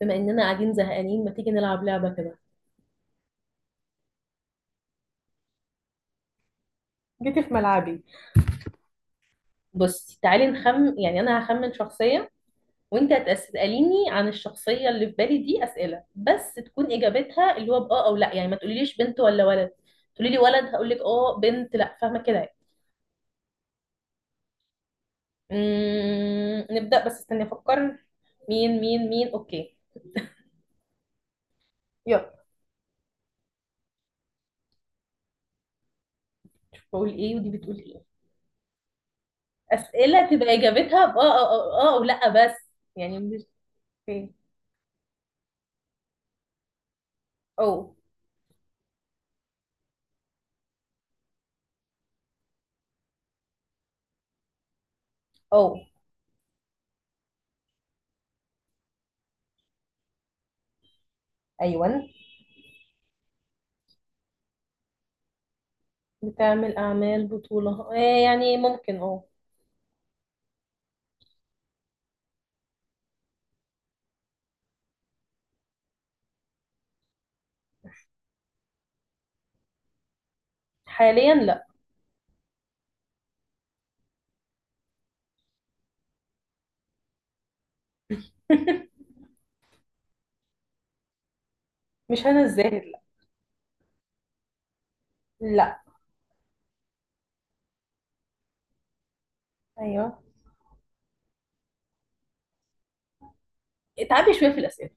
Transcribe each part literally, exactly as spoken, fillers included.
بما اننا قاعدين زهقانين ما تيجي نلعب لعبة كده؟ جيتي في ملعبي. بصي تعالي نخم، يعني انا هخمن شخصية وانت هتسأليني عن الشخصية اللي في بالي. دي أسئلة بس تكون اجابتها اللي هو بآه او لا، يعني ما تقوليليش بنت ولا ولد، تقولي لي ولد هقول لك اه، بنت لا. فاهمة كده يعني؟ أمم، نبدأ، بس استني افكر. مين مين مين، اوكي. يلا. بقول ايه ودي بتقول ايه. أسئلة تبقى اجابتها بآه او اه، او أو, أو لا بس، يعني مش. اوكي. او. او. ايوه. بتعمل أعمال بطولة، آه يعني ممكن اه. حاليا لا. مش هنا الزاهد، لا. لا. أيوه. اتعبي شوية في الأسئلة.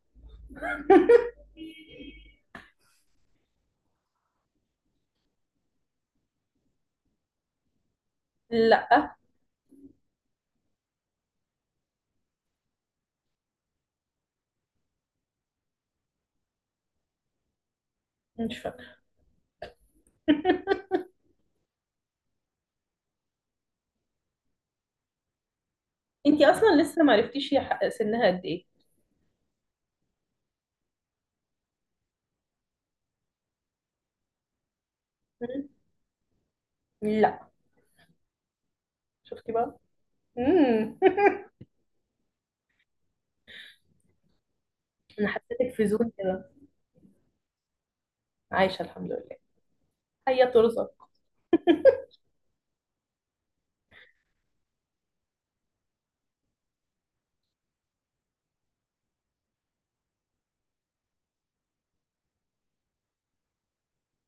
لا. مش فاكرة. انتي أصلا لسه معرفتيش، هي حق- سنها قد إيه؟ مم. لا. شفتي بقى. مم. أنا حسيتك في زون كده. عايشة الحمد لله. هيا ترزق.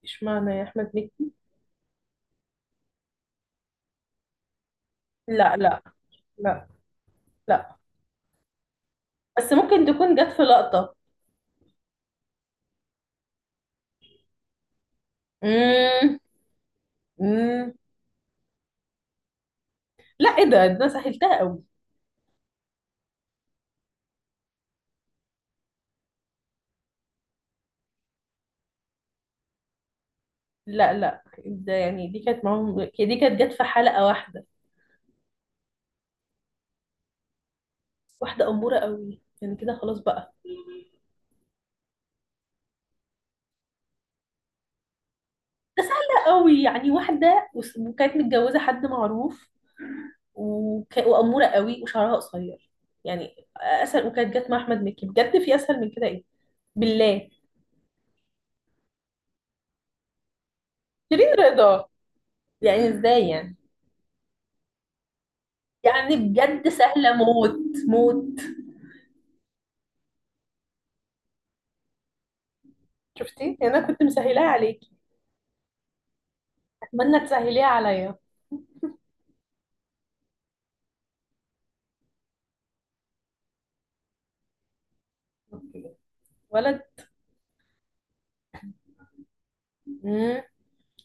اشمعنى يا أحمد مكي؟ لا لا لا لا. بس ممكن تكون جت في لقطة. مم. مم. لا، ايه ده، إيه ده، أنا سهلتها قوي. لا لا، ده يعني دي كانت معاهم، دي كانت جت في حلقة واحدة. واحدة أمورة قوي يعني، كده خلاص بقى. ده سهلة قوي، يعني واحدة وس- وكانت متجوزة حد معروف وك... وأمورة قوي وشعرها قصير، يعني أسهل، وكانت جت مع أحمد مكي بجد. في أسهل من كده إيه بالله؟ شيرين رضا. يعني إزاي يعني؟ يعني بجد سهلة موت. موت. شفتي يعني، أنا كنت مسهلاها عليكي. أتمنى تسهليها عليا. أوكي. ولد. مم.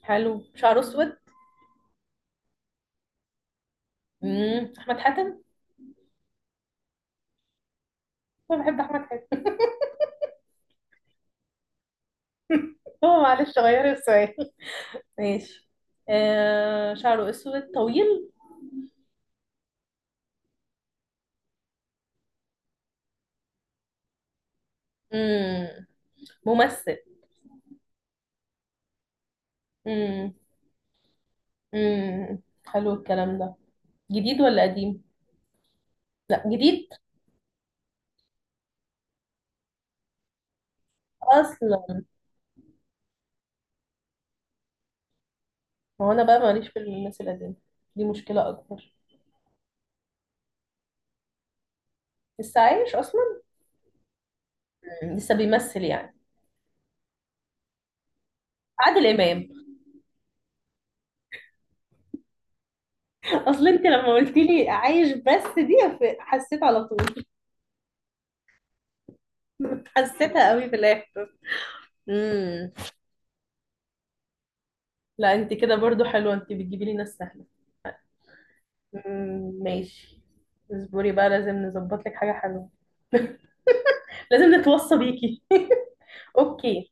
حلو، شعره أسود. امم احمد حاتم. انا بحب احمد حاتم. هو معلش، غيري السؤال. ماشي. آه شعره اسود طويل. امم ممثل. امم امم حلو الكلام ده. جديد ولا قديم؟ لا جديد. اصلا ما هو انا بقى ماليش في الناس القديمه، دي مشكله اكبر. لسه عايش اصلا. مم، لسه بيمثل يعني. عادل امام. اصل انت لما قلت لي عايش بس دي، ف- حسيت على طول. حسيتها قوي في الاخر. امم. لا انت كده برضو حلوه، انت بتجيبي لي ناس سهله. مم، ماشي. اصبري بقى، لازم نظبط لك حاجة حلوة. لازم نتوصى بيكي. اوكي.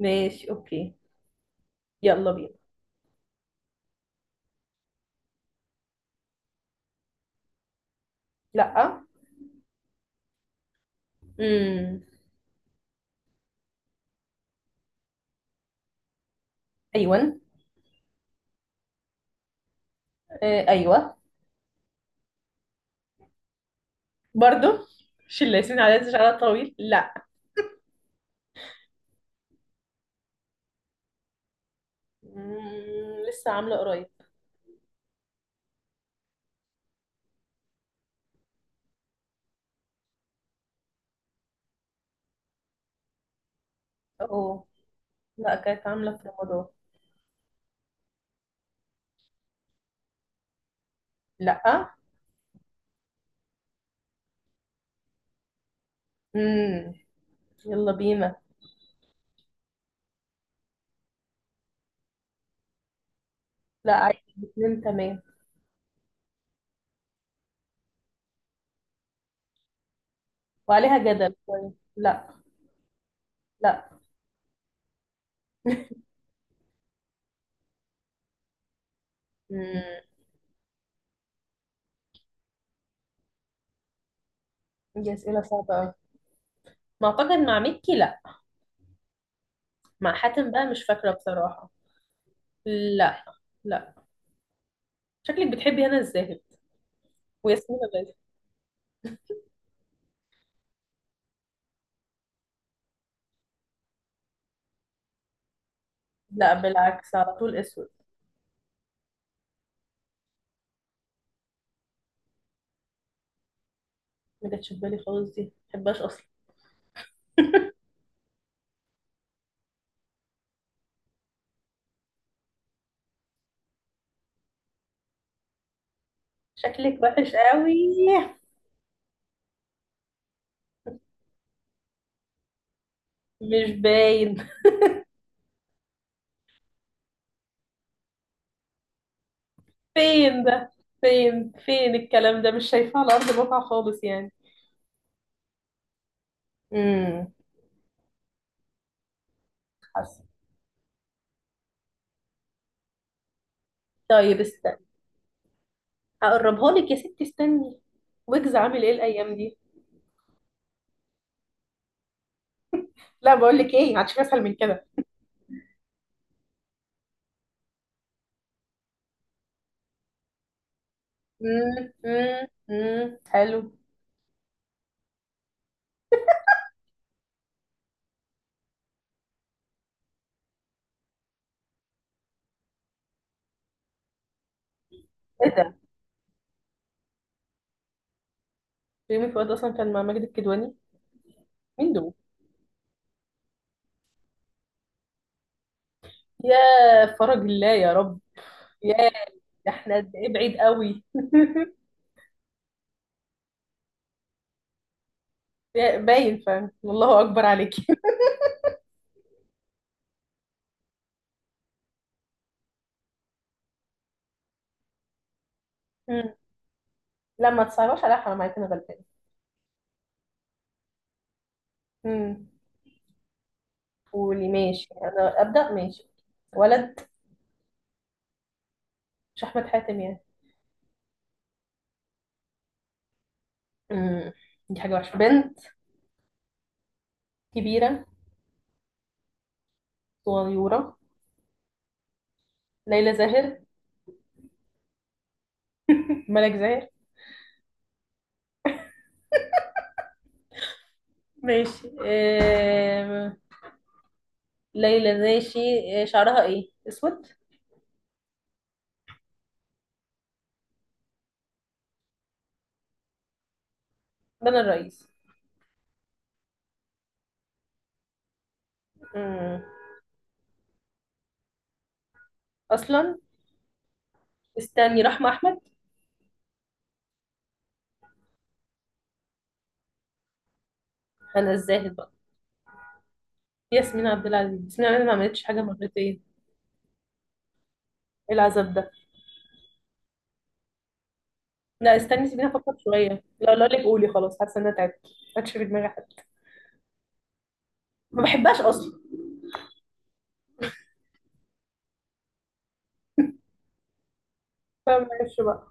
ماشي اوكي. يلا بينا. لا. امم. ايوه. آه ايوه. برضو مش اللي ياسمين عليها شعرها طويل، لا. مم، لسه عامله قريب. اوه. لا كانت عامله في رمضان. لا. امم. يلا بينا. لا عادي الاثنين تمام. وعليها جدل شويه. لا. لا. امم. دي اسئله صعبه قوي. ما اعتقد مع ميكي لا، مع حاتم بقى مش فاكرة بصراحة. لا. لا. شكلك بتحبي هنا الزاهد وياسمين الرزق. لا بالعكس، على طول اسود. ما جاتش في بالي خالص، دي ما بحبهاش اصلا. شكلك وحش قوي. مش باين. فين ده؟ فين فين الكلام ده، مش شايفاه على ارض الواقع خالص يعني. امم حاسه. طيب استني، هقربها لك يا ستي، استني. ويجز عامل ايه الايام دي؟ لا بقول لك ايه، هتشوفي اسهل من كده. امم امم امم حلو. ايه ده. ريمي فؤاد اصلا كان مع ماجد الكدواني. مين دول؟ يا فرج الله يا رب. يا، ده احنا قد ايه بعيد قوي. يا- باين فاهم، والله اكبر عليكي. مم. لا ما تصعبش عليا، حرام عليكي، انا غلبانه. مم. قولي ماشي، انا ابدا ماشي. ولد. مش احمد حاتم يعني؟ مم. دي حاجه وحشه، بنت. كبيره. صغيره. ليلى زاهر. ملك زاهر. ماشي آم، ليلى ماشي. آه، شعرها ايه، اسود. بنا الرئيس. مم. اصلا استني، رحمة أحمد. أنا الزاهد بقى. ياسمين عبد العزيز، ياسمين عبد العزيز ما عملتش حاجة مرتين إيه؟ العذاب ده. لا استني، سيبيني أفكر شوية. لا لا لك، قولي خلاص، حاسة إن أنا تعبت ما عادش في دماغي حد. ما بحبهاش أصلا. فما اعرفش بقى.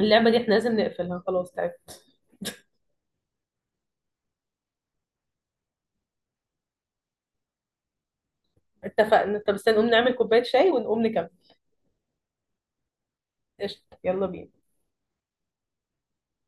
اللعبة دي إحنا لازم نقفلها، خلاص تعبت. اتفقنا، طب استنى نقوم نعمل كوباية شاي ونقوم نكمل. قشطة يلا بينا.